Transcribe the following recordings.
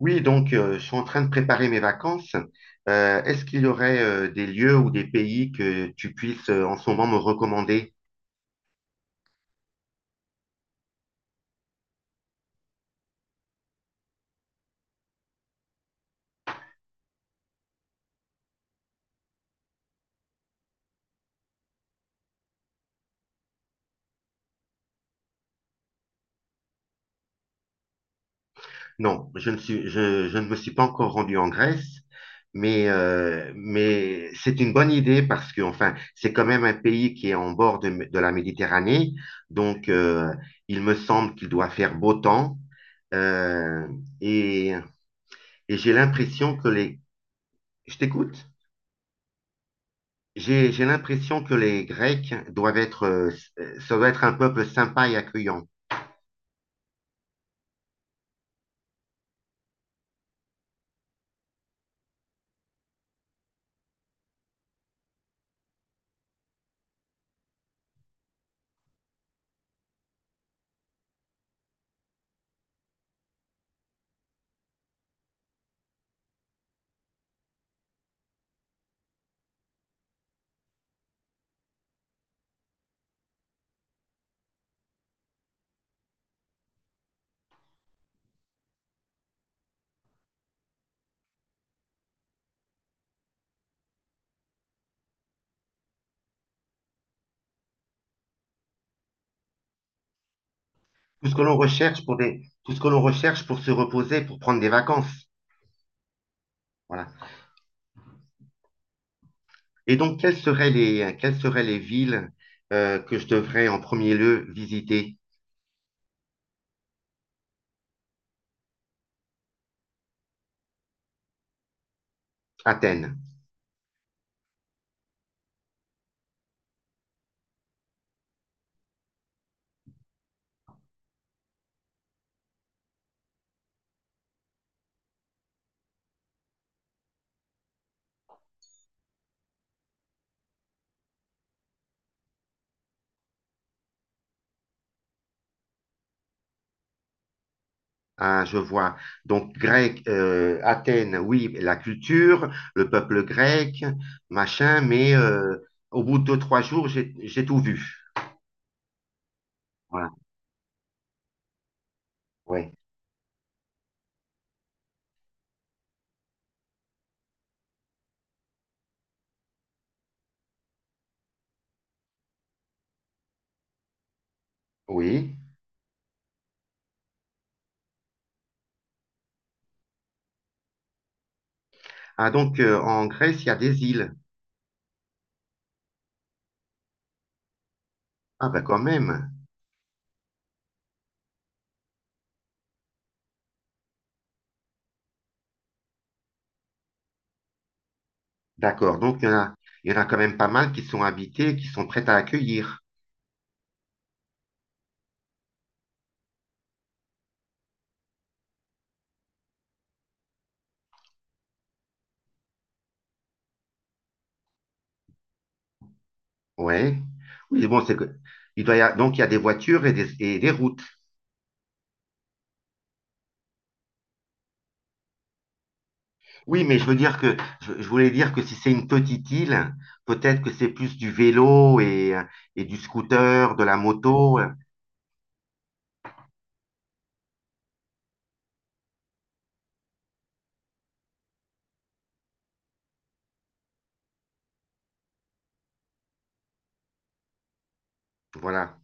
Oui, je suis en train de préparer mes vacances. Est-ce qu'il y aurait des lieux ou des pays que tu puisses en ce moment me recommander? Je ne me suis pas encore rendu en Grèce, mais c'est une bonne idée parce que enfin, c'est quand même un pays qui est en bord de la Méditerranée, donc euh, il me semble qu'il doit faire beau temps euh,, et, et j'ai l'impression que les... Je t'écoute? J'ai l'impression que les Grecs doivent être, ça doit être un peuple sympa et accueillant. Tout ce que l'on recherche pour se reposer, pour prendre des vacances. Voilà. Et donc, quelles seraient les villes que je devrais en premier lieu visiter? Athènes. Hein, je vois. Donc, grec, Athènes, oui, la culture, le peuple grec, machin. Au bout de deux, trois jours, j'ai tout vu. Voilà. Ouais. Oui. Ah, donc en Grèce, il y a des îles. Ah, bah quand même. D'accord. Il y en a quand même pas mal qui sont habitées, qui sont prêtes à accueillir. Ouais. Oui, bon, c'est que. Il doit y a- Donc il y a des voitures et et des routes. Oui, mais je veux dire que je voulais dire que si c'est une petite île, peut-être que c'est plus du vélo et du scooter, de la moto. Voilà.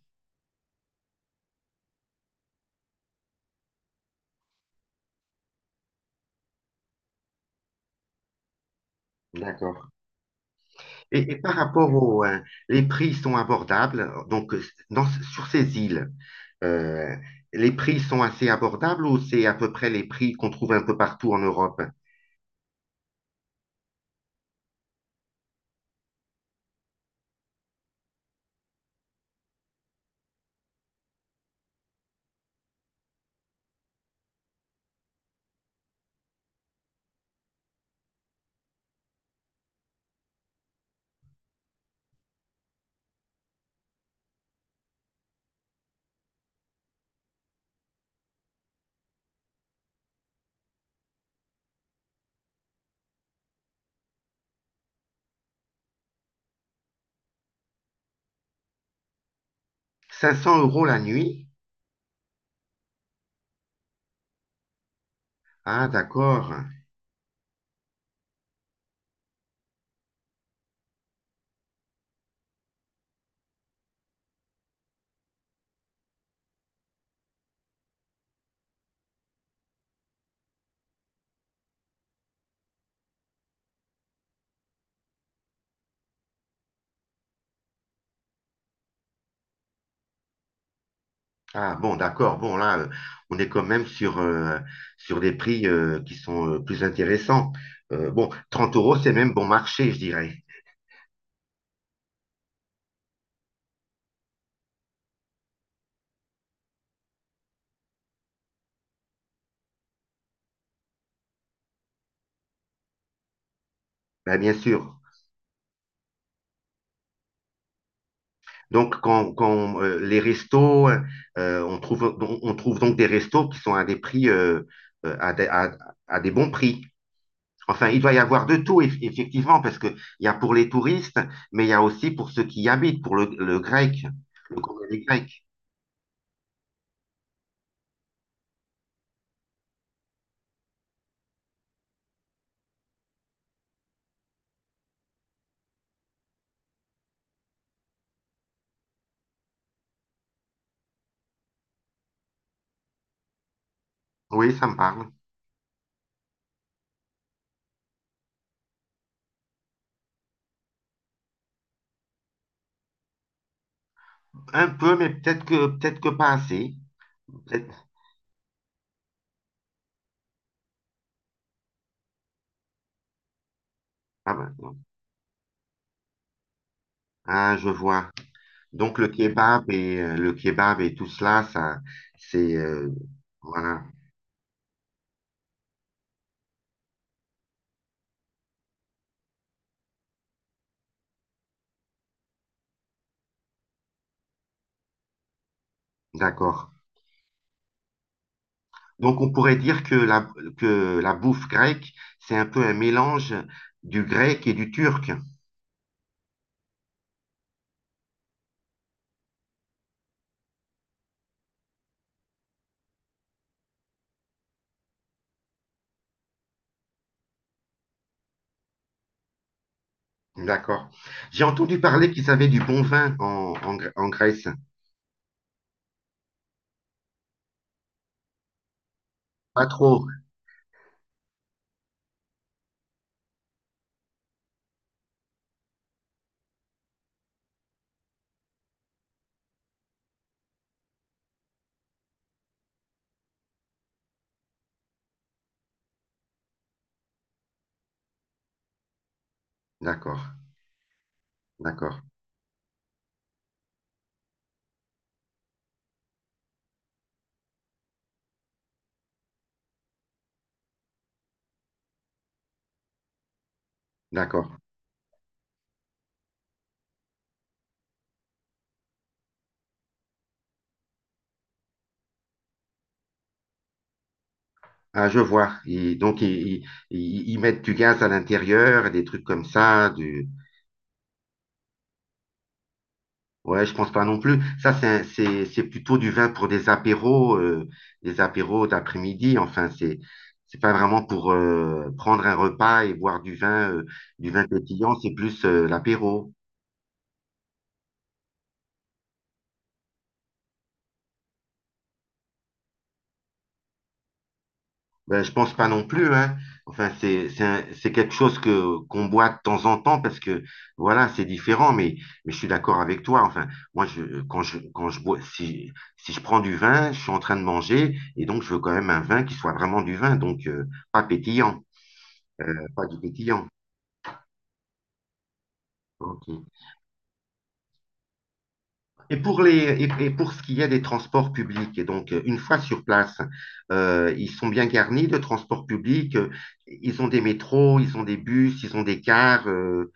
D'accord. Et par rapport aux les prix sont abordables. Donc, dans- sur ces îles, euh, les prix sont assez abordables ou c'est à peu près les prix qu'on trouve un peu partout en Europe? 500 € la nuit? Ah, d'accord. Ah, bon, d'accord. On est quand même sur, sur des prix qui sont plus intéressants. Bon, 30 euros, c'est même bon marché, je dirais. Ben, bien sûr. Donc, quand, quand, les restos, on trouve donc des restos qui sont à des prix, euh, à, des, à- à des bons prix. Enfin, il doit y avoir de tout, effectivement, parce que il y a pour les touristes, mais il y a aussi pour ceux qui y habitent, le grec, le communauté grecque. Oui, ça me parle. Un peu, mais peut-être que pas assez. Peut-être- Ah, ben, non. Ah, je vois. Donc, le kebab et tout cela, ça, c'est, euh, voilà, d'accord. Donc, on pourrait dire que la bouffe grecque, c'est un peu un mélange du grec et du turc. D'accord. J'ai entendu parler qu'ils avaient du bon vin en Grèce. Pas trop. D'accord, d'accord, d'accord. Ah, je vois. Ils mettent du gaz à l'intérieur, des trucs comme ça, du, Ouais, je pense pas non plus. Ça, c'est plutôt du vin pour des apéros, des apéros d'après-midi. Enfin, c'est pas vraiment pour prendre un repas et boire du vin, du vin pétillant. C'est plus l'apéro. Ben, je pense pas non plus, hein. Enfin, c'est c'est c'est quelque chose que qu'on boit de temps en temps parce que voilà, c'est différent. Mais je suis d'accord avec toi. Enfin, moi, je quand je bois, si je prends du vin, je suis en train de manger et donc je veux quand même un vin qui soit vraiment du vin, pas pétillant. Pas du pétillant. Ok. Et pour et pour ce qui est des transports publics, une fois sur place, ils sont bien garnis de transports publics. Ils ont des métros, ils ont des bus, ils ont des cars.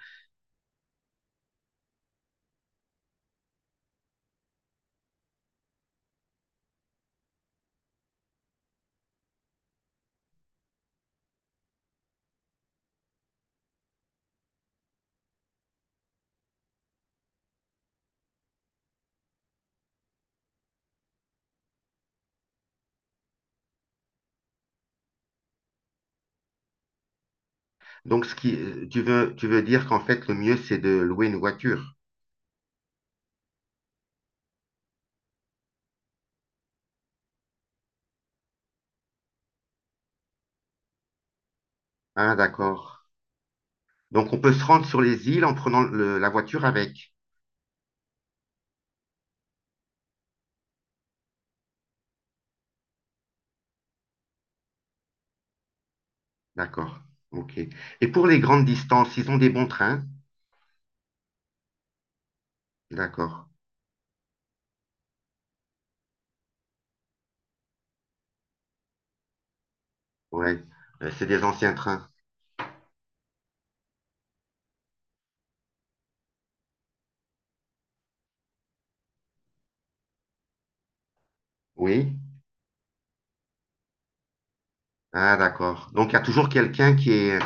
Donc ce qui, tu veux dire qu'en fait le mieux c'est de louer une voiture. Ah d'accord. Donc on peut se rendre sur les îles en prenant la voiture avec. D'accord. Ok. Et pour les grandes distances, ils ont des bons trains. D'accord. Ouais. C'est des anciens trains. Oui. Ah, d'accord. Donc, il y a toujours quelqu'un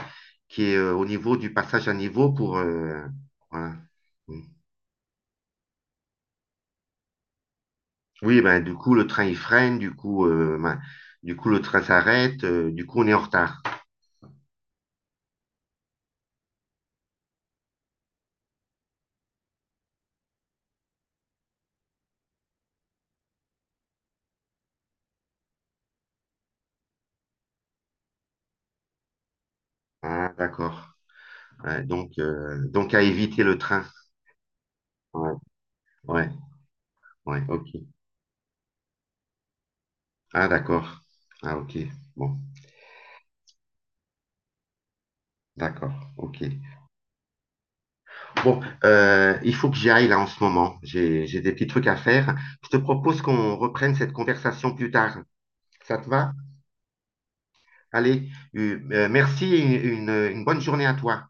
qui est au niveau du passage à niveau pour... voilà. Mm. Oui, ben, du coup, le train, il freine, du coup, ben, du coup, le train s'arrête, du coup, on est en retard. Ah, d'accord. Ouais, donc, à éviter le train. Ouais, ouais, ouais, ok. Ah, d'accord. Ah, ok. Bon, d'accord, ok. Bon, il faut que j'y aille là en ce moment. J'ai des petits trucs à faire. Je te propose qu'on reprenne cette conversation plus tard. Ça te va? Allez, merci et une bonne journée à toi.